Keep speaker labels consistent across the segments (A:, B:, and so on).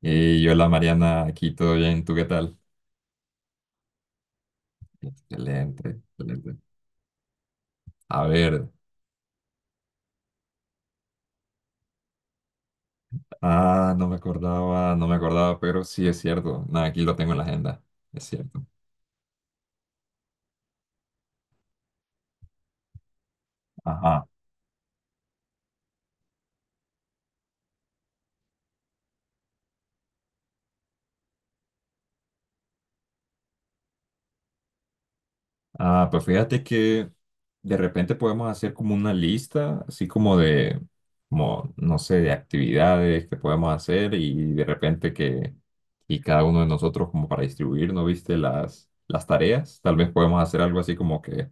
A: Y hola Mariana, aquí todo bien, ¿tú qué tal? Excelente, excelente. A ver, no me acordaba, no me acordaba, pero sí es cierto. Nada, aquí lo tengo en la agenda, es cierto. Ajá. Pues fíjate que de repente podemos hacer como una lista, así como de, como, no sé, de actividades que podemos hacer y de repente que, y cada uno de nosotros como para distribuir, ¿no viste? Las tareas, tal vez podemos hacer algo así como que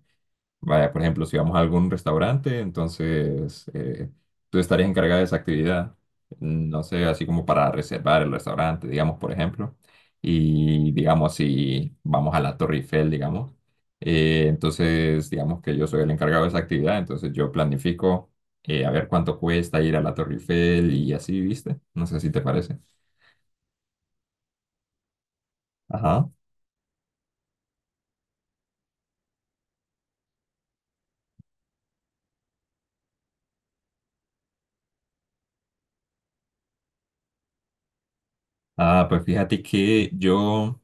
A: vaya, por ejemplo, si vamos a algún restaurante, entonces tú estarías encargada de esa actividad, no sé, así como para reservar el restaurante, digamos, por ejemplo, y digamos, si vamos a la Torre Eiffel, digamos, entonces digamos que yo soy el encargado de esa actividad, entonces yo planifico a ver cuánto cuesta ir a la Torre Eiffel y así, ¿viste? No sé si te parece. Ajá. Pues fíjate que yo...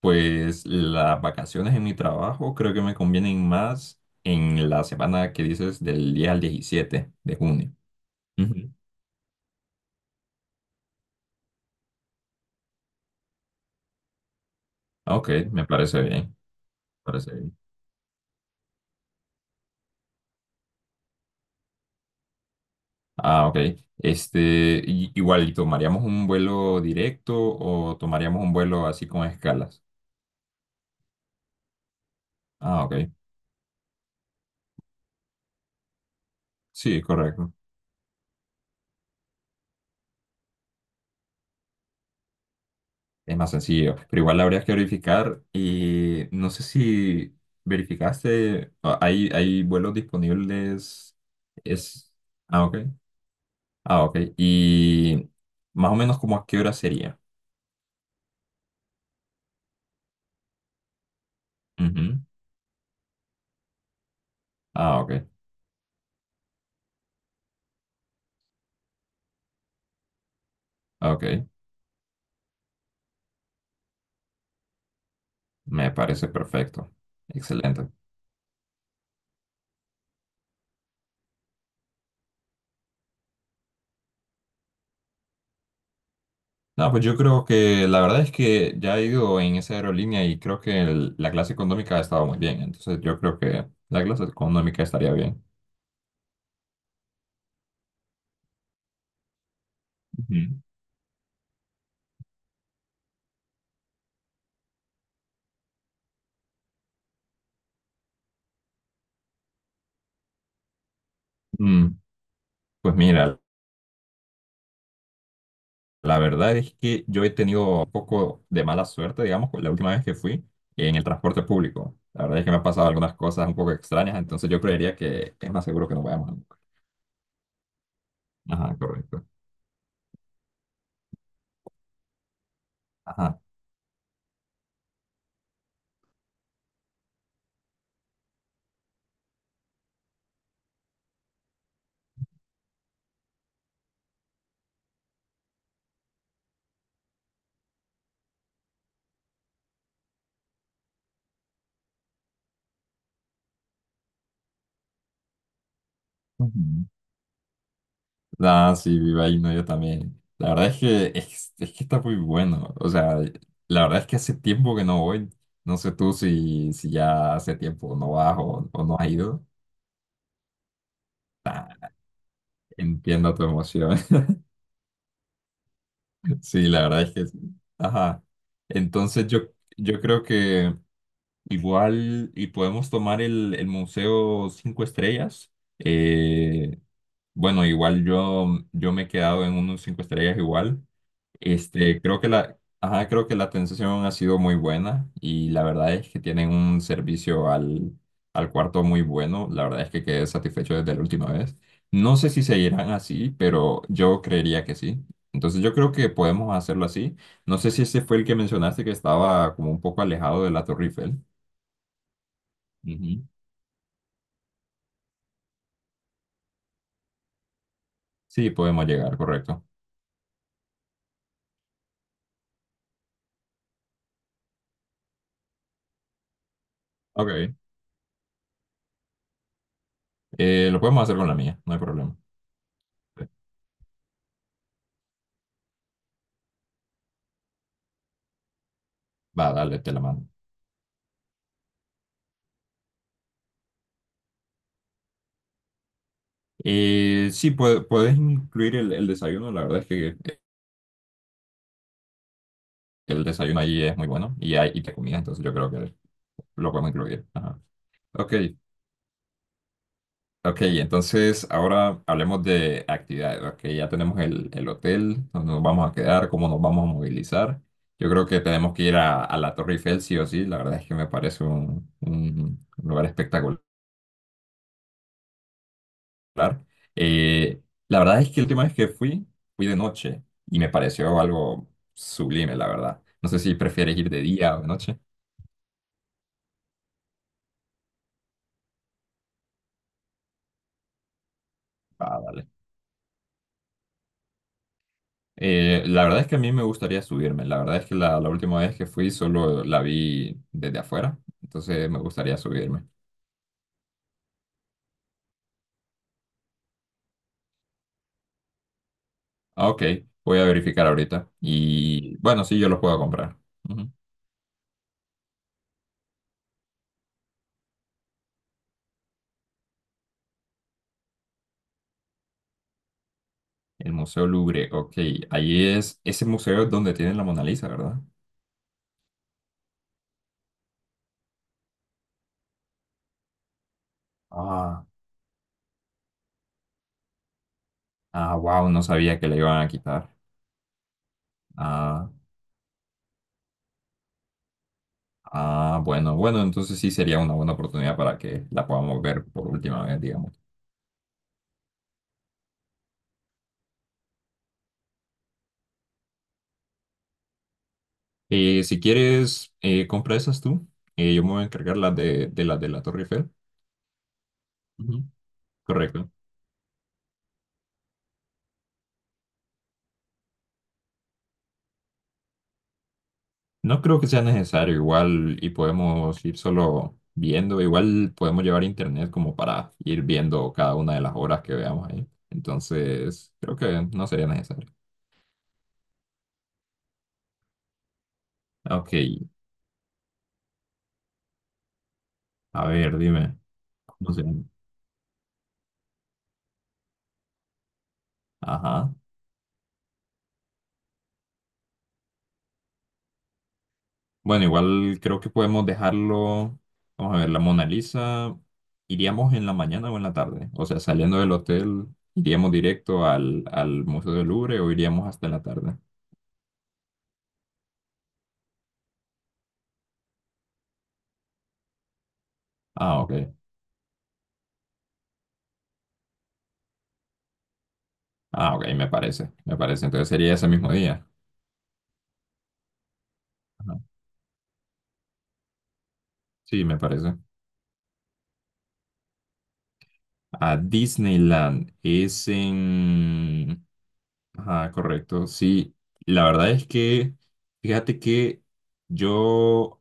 A: Pues las vacaciones en mi trabajo creo que me convienen más en la semana que dices del 10 al 17 de junio. Ujú. Ok, me parece bien, me parece bien. Ah, ok. Este, igual, ¿y tomaríamos un vuelo directo o tomaríamos un vuelo así con escalas? Ah, ok. Sí, correcto. Es más sencillo. Pero igual habría que verificar y no sé si verificaste, hay vuelos disponibles. Es, ok. Ah, ok. Y más o menos como a qué hora sería. Ujú. Ah, ok. Ok. Me parece perfecto. Excelente. No, pues yo creo que la verdad es que ya he ido en esa aerolínea y creo que la clase económica ha estado muy bien. Entonces yo creo que la clase económica estaría bien. Ujú. Mm, pues mira, la verdad es que yo he tenido un poco de mala suerte, digamos, con la última vez que fui en el transporte público. La verdad es que me han pasado algunas cosas un poco extrañas, entonces yo creería que es más seguro que nos vayamos, ¿no? Ajá, correcto. Ajá. Ujú. Ah, sí, viva Himno, yo también. La verdad es que es que está muy bueno. O sea, la verdad es que hace tiempo que no voy. No sé tú si ya hace tiempo no vas o no has ido. Entiendo tu emoción. Sí, la verdad es que sí. Ajá. Entonces yo creo que igual y podemos tomar el Museo Cinco Estrellas. Eh, Bueno, igual yo me he quedado en unos cinco estrellas igual. Este, creo que la atención ha sido muy buena y la verdad es que tienen un servicio al cuarto muy bueno. La verdad es que quedé satisfecho desde la última vez. No sé si seguirán así, pero yo creería que sí. Entonces yo creo que podemos hacerlo así. No sé si ese fue el que mencionaste que estaba como un poco alejado de la Torre Eiffel. Ujú. Sí, podemos llegar, correcto. Ok, lo podemos hacer con la mía, no hay problema. Va, dale, te la mando. Sí, puedes incluir el desayuno. La verdad es que el desayuno allí es muy bueno y hay y te comida, entonces yo creo que lo podemos incluir. Ajá. Ok, ok, entonces ahora hablemos de actividades. Ok, ya tenemos el hotel, donde nos vamos a quedar, cómo nos vamos a movilizar. Yo creo que tenemos que ir a la Torre Eiffel, sí o sí. La verdad es que me parece un lugar espectacular. Hablar. Eh, la verdad es que la última vez que fui, fui de noche y me pareció algo sublime, la verdad. No sé si prefieres ir de día o de noche. Ah, vale. La verdad es que a mí me gustaría subirme. La verdad es que la última vez que fui solo la vi desde afuera, entonces me gustaría subirme. Ah, ok, voy a verificar ahorita. Y bueno, sí, yo los puedo comprar. Ujú. El Museo Louvre, ok. Ahí es, ese museo es donde tienen la Mona Lisa, ¿verdad? Ah, ah, wow, no sabía que la iban a quitar. Ah, bueno, bueno, entonces sí sería una buena oportunidad para que la podamos ver por última vez, digamos. Si quieres, compra esas tú. Yo me voy a encargar las de las de la Torre Eiffel. Ujú. Correcto. No creo que sea necesario, igual y podemos ir solo viendo, igual podemos llevar internet como para ir viendo cada una de las obras que veamos ahí. Entonces, creo que no sería necesario. Ok, a ver, dime. ¿Cómo se llama? Ajá. Bueno, igual creo que podemos dejarlo. Vamos a ver, la Mona Lisa. ¿Iríamos en la mañana o en la tarde? O sea, saliendo del hotel, ¿iríamos directo al Museo del Louvre o iríamos hasta la tarde? Ah, ok. Ah, ok, me parece. Me parece. Entonces sería ese mismo día. Ajá. Sí, me parece. A Disneyland es en... Ajá, correcto. Sí, la verdad es que, fíjate que yo...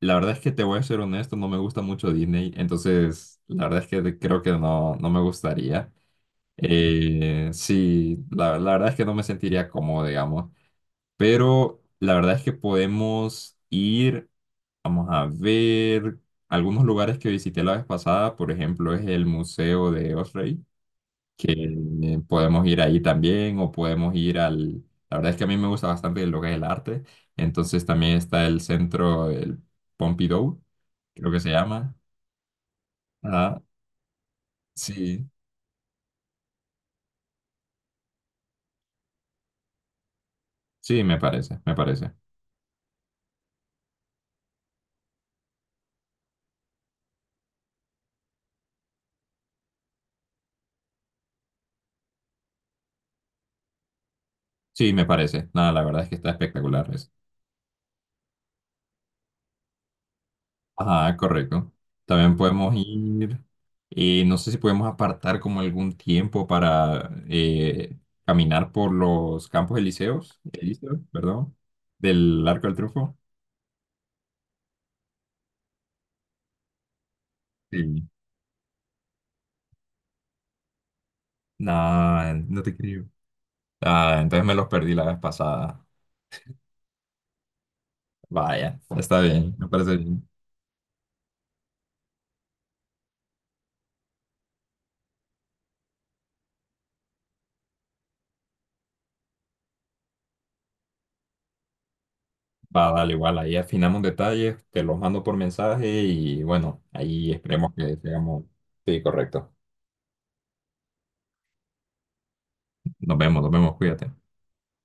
A: La verdad es que te voy a ser honesto, no me gusta mucho Disney, entonces la verdad es que creo que no, no me gustaría. Sí, la verdad es que no me sentiría cómodo, digamos, pero la verdad es que podemos ir, vamos a ver, algunos lugares que visité la vez pasada, por ejemplo, es el Museo de Osrey, que podemos ir ahí también, o podemos ir al... La verdad es que a mí me gusta bastante lo que es el arte, entonces también está el centro, el Pompidou, creo que se llama. Ah, sí, sí, me parece, me parece. Sí, me parece. Nada, la verdad es que está espectacular eso. Ajá, correcto. También podemos ir, no sé si podemos apartar como algún tiempo para caminar por los campos elíseos, elíseos, perdón, del Arco del Triunfo. Sí. No, no te creo. Ah, entonces me los perdí la vez pasada. Vaya, está bien, me parece bien. Va, dale, igual, ahí afinamos detalles, te los mando por mensaje y bueno, ahí esperemos que seamos. Sí, correcto. Nos vemos, cuídate.